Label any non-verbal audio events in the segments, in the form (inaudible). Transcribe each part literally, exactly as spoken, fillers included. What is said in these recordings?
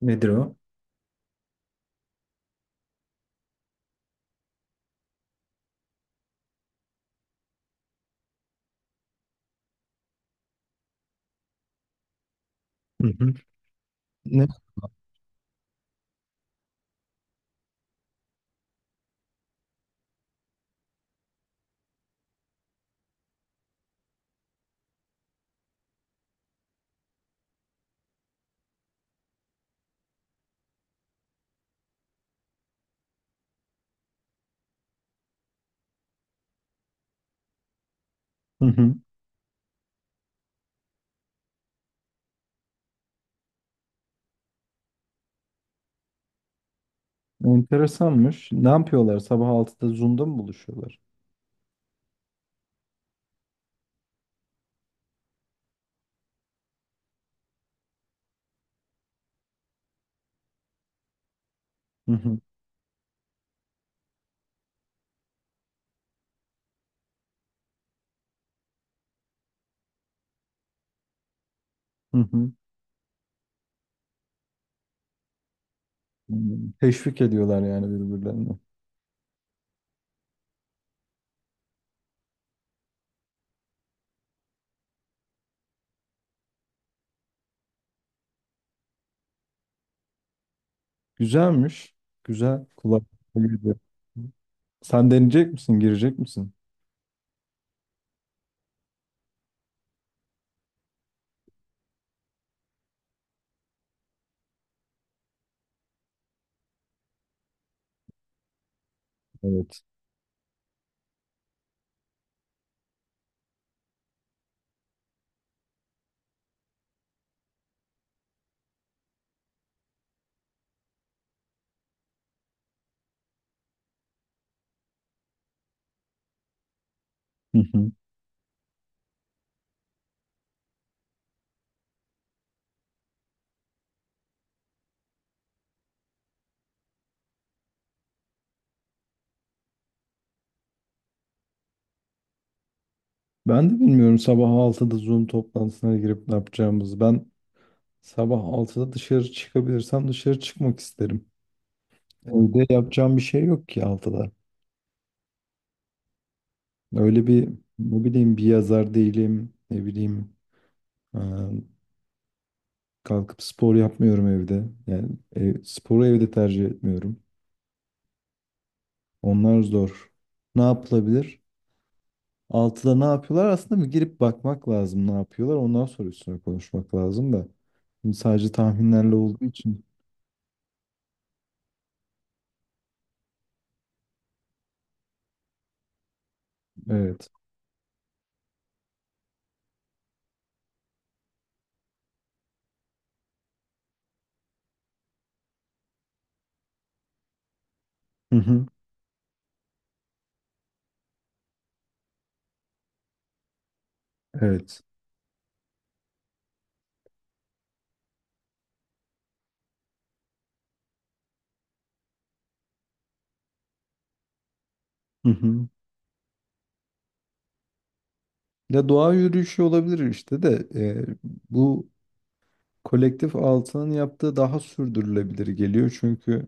Nedir o? Hı hı. Ne? Hı hı. Enteresanmış. Ne yapıyorlar? Sabah altıda Zoom'da mı buluşuyorlar? Hı hı. Hı hı. Hmm. Teşvik ediyorlar yani birbirlerini. Güzelmiş. Güzel. Kulak. Sen deneyecek misin? Girecek misin? Evet. Hı hı. Ben de bilmiyorum sabah altıda Zoom toplantısına girip ne yapacağımızı. Ben sabah altıda dışarı çıkabilirsem dışarı çıkmak isterim. Evde yapacağım bir şey yok ki altıda. Öyle bir ne bileyim bir yazar değilim. Ne bileyim e, kalkıp spor yapmıyorum evde. Yani e, sporu evde tercih etmiyorum. Onlar zor. Ne yapılabilir? Altıda ne yapıyorlar? Aslında bir girip bakmak lazım ne yapıyorlar. Ondan sonra üstüne konuşmak lazım da. Şimdi sadece tahminlerle olduğu için. Evet. Hı hı. Evet. Hı hı. Ya doğa yürüyüşü olabilir işte de e, bu kolektif altının yaptığı daha sürdürülebilir geliyor çünkü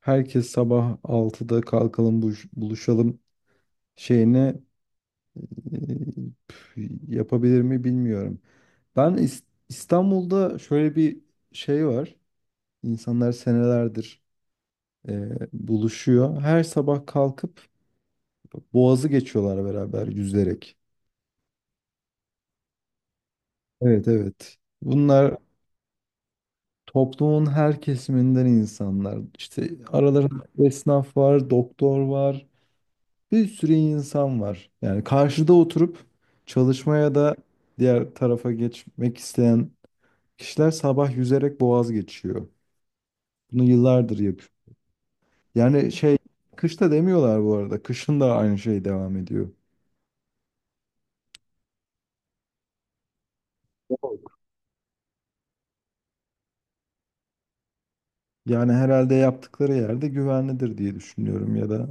herkes sabah altıda kalkalım buluş- buluşalım şeyine e, yapabilir mi bilmiyorum. Ben İs- İstanbul'da şöyle bir şey var. İnsanlar senelerdir e, buluşuyor. Her sabah kalkıp Boğaz'ı geçiyorlar beraber yüzerek. Evet, evet. Bunlar toplumun her kesiminden insanlar. İşte aralarında esnaf var, doktor var. Bir sürü insan var. Yani karşıda oturup çalışmaya da diğer tarafa geçmek isteyen kişiler sabah yüzerek boğaz geçiyor. Bunu yıllardır yapıyor. Yani şey, kışta demiyorlar bu arada. Kışın da aynı şey devam ediyor. Yani herhalde yaptıkları yerde güvenlidir diye düşünüyorum ya da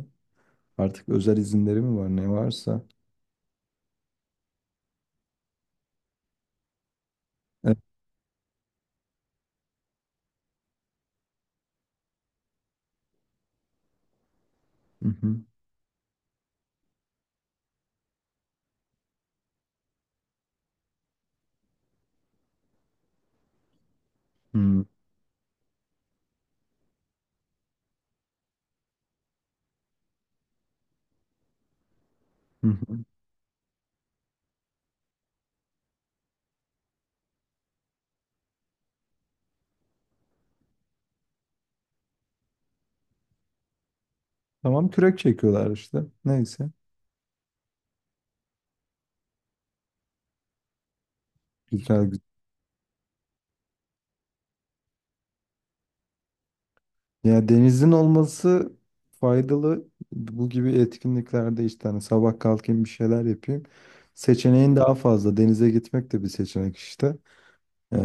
artık özel izinleri mi var ne varsa. Evet. Hı hı. Hı hı. Hı hı. Tamam, kürek çekiyorlar işte. Neyse. Güzel, güzel. Ya denizin olması faydalı. Bu gibi etkinliklerde işte hani sabah kalkayım bir şeyler yapayım. Seçeneğin daha fazla. Denize gitmek de bir seçenek işte. Ee,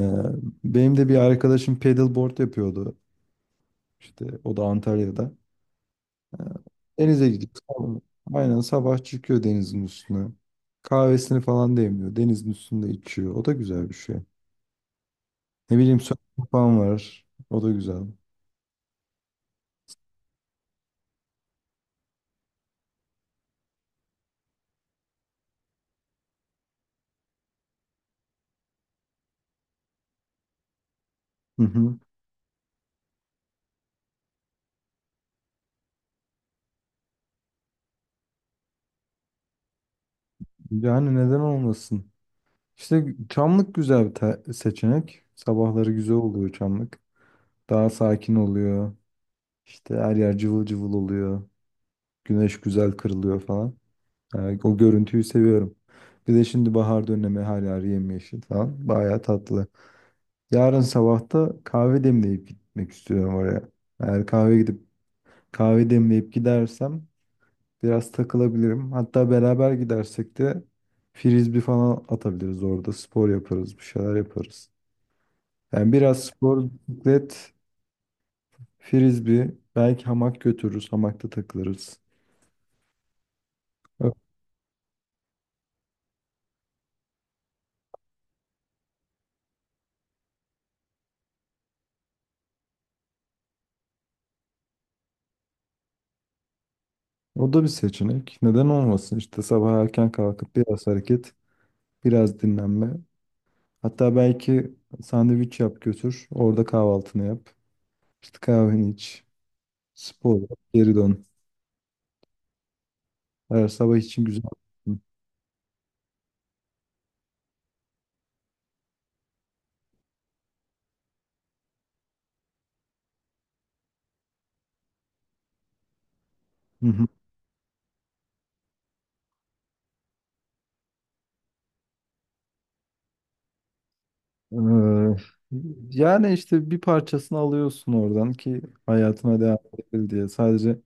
benim de bir arkadaşım paddleboard yapıyordu. İşte o da Antalya'da. Ee, denize gidip aynen sabah çıkıyor denizin üstüne. Kahvesini falan demliyor. Denizin üstünde içiyor. O da güzel bir şey. Ne bileyim surf falan var. O da güzel. Hı hı. Yani neden olmasın? İşte Çamlık güzel bir te- seçenek. Sabahları güzel oluyor Çamlık. Daha sakin oluyor. İşte her yer cıvıl cıvıl oluyor. Güneş güzel kırılıyor falan. Yani o görüntüyü seviyorum. Bir de şimdi bahar dönemi her yer yemyeşil falan. Bayağı tatlı. Yarın sabah da kahve demleyip gitmek istiyorum oraya. Eğer kahve gidip kahve demleyip gidersem biraz takılabilirim. Hatta beraber gidersek de frisbee falan atabiliriz orada. Spor yaparız, bir şeyler yaparız. Yani biraz spor, bisiklet, frisbee, belki hamak götürürüz, hamakta takılırız. Evet, o da bir seçenek. Neden olmasın? İşte sabah erken kalkıp biraz hareket, biraz dinlenme. Hatta belki sandviç yap götür, orada kahvaltını yap. İşte kahveni iç, spor yap, geri dön. Her sabah için güzel. Hı hı. Ee, yani işte bir parçasını alıyorsun oradan ki hayatına devam edebil diye. Sadece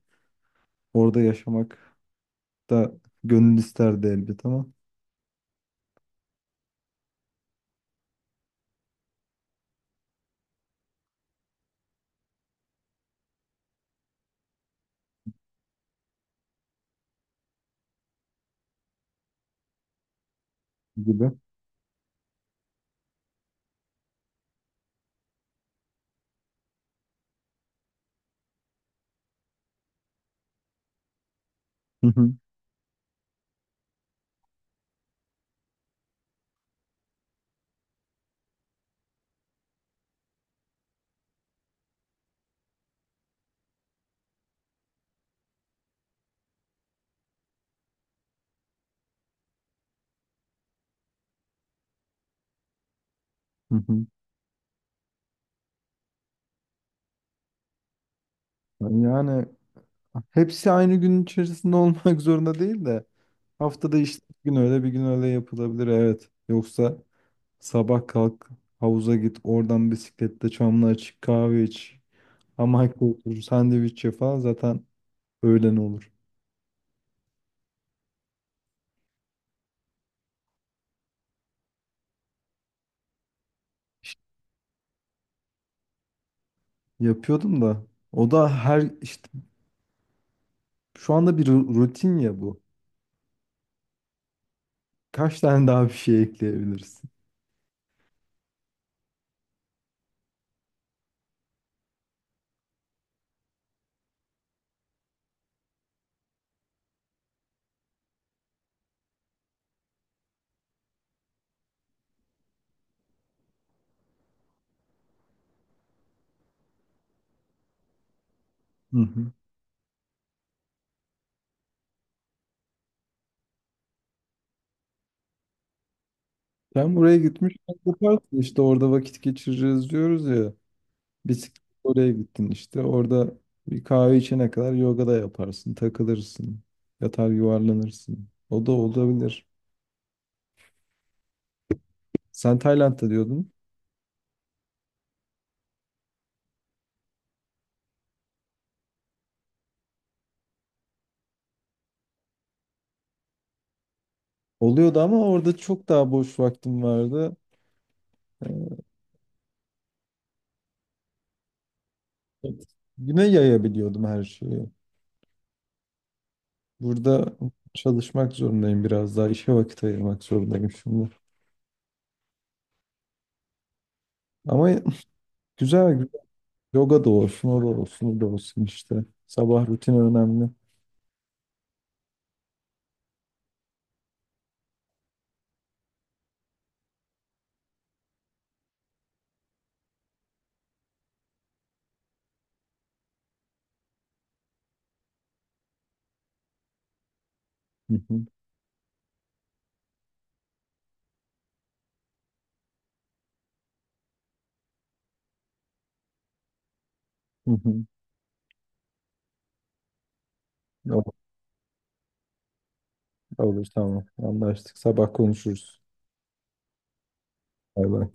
orada yaşamak da gönül isterdi elbet ama gibi. Hı hı, hı hı. Yani hepsi aynı gün içerisinde (laughs) olmak zorunda değil de haftada işte bir gün öyle bir gün öyle yapılabilir, evet. Yoksa sabah kalk, havuza git, oradan bisiklette çamlığa çık, kahve iç. Ama otur (laughs) sandviç ye falan zaten öğlen olur. Yapıyordum da. O da her işte şu anda bir ru- rutin ya bu. Kaç tane daha bir şey ekleyebilirsin? Hı hı. Sen buraya gitmişken yaparsın işte orada vakit geçireceğiz diyoruz ya. Bisiklet oraya gittin işte orada bir kahve içene kadar yoga da yaparsın, takılırsın, yatar yuvarlanırsın. O da olabilir. Sen Tayland'da diyordun. Oluyordu ama orada çok daha boş vaktim vardı. Ee, Evet. Güne yayabiliyordum her şeyi. Burada çalışmak zorundayım biraz daha. İşe vakit ayırmak zorundayım şimdi. Ama güzel, güzel. Yoga da olsun, o da olsun, o da olsun işte. Sabah rutini önemli. Hı hı, hı hı. Olur, olur, tamam. Anlaştık. Sabah konuşuruz. Bay bay.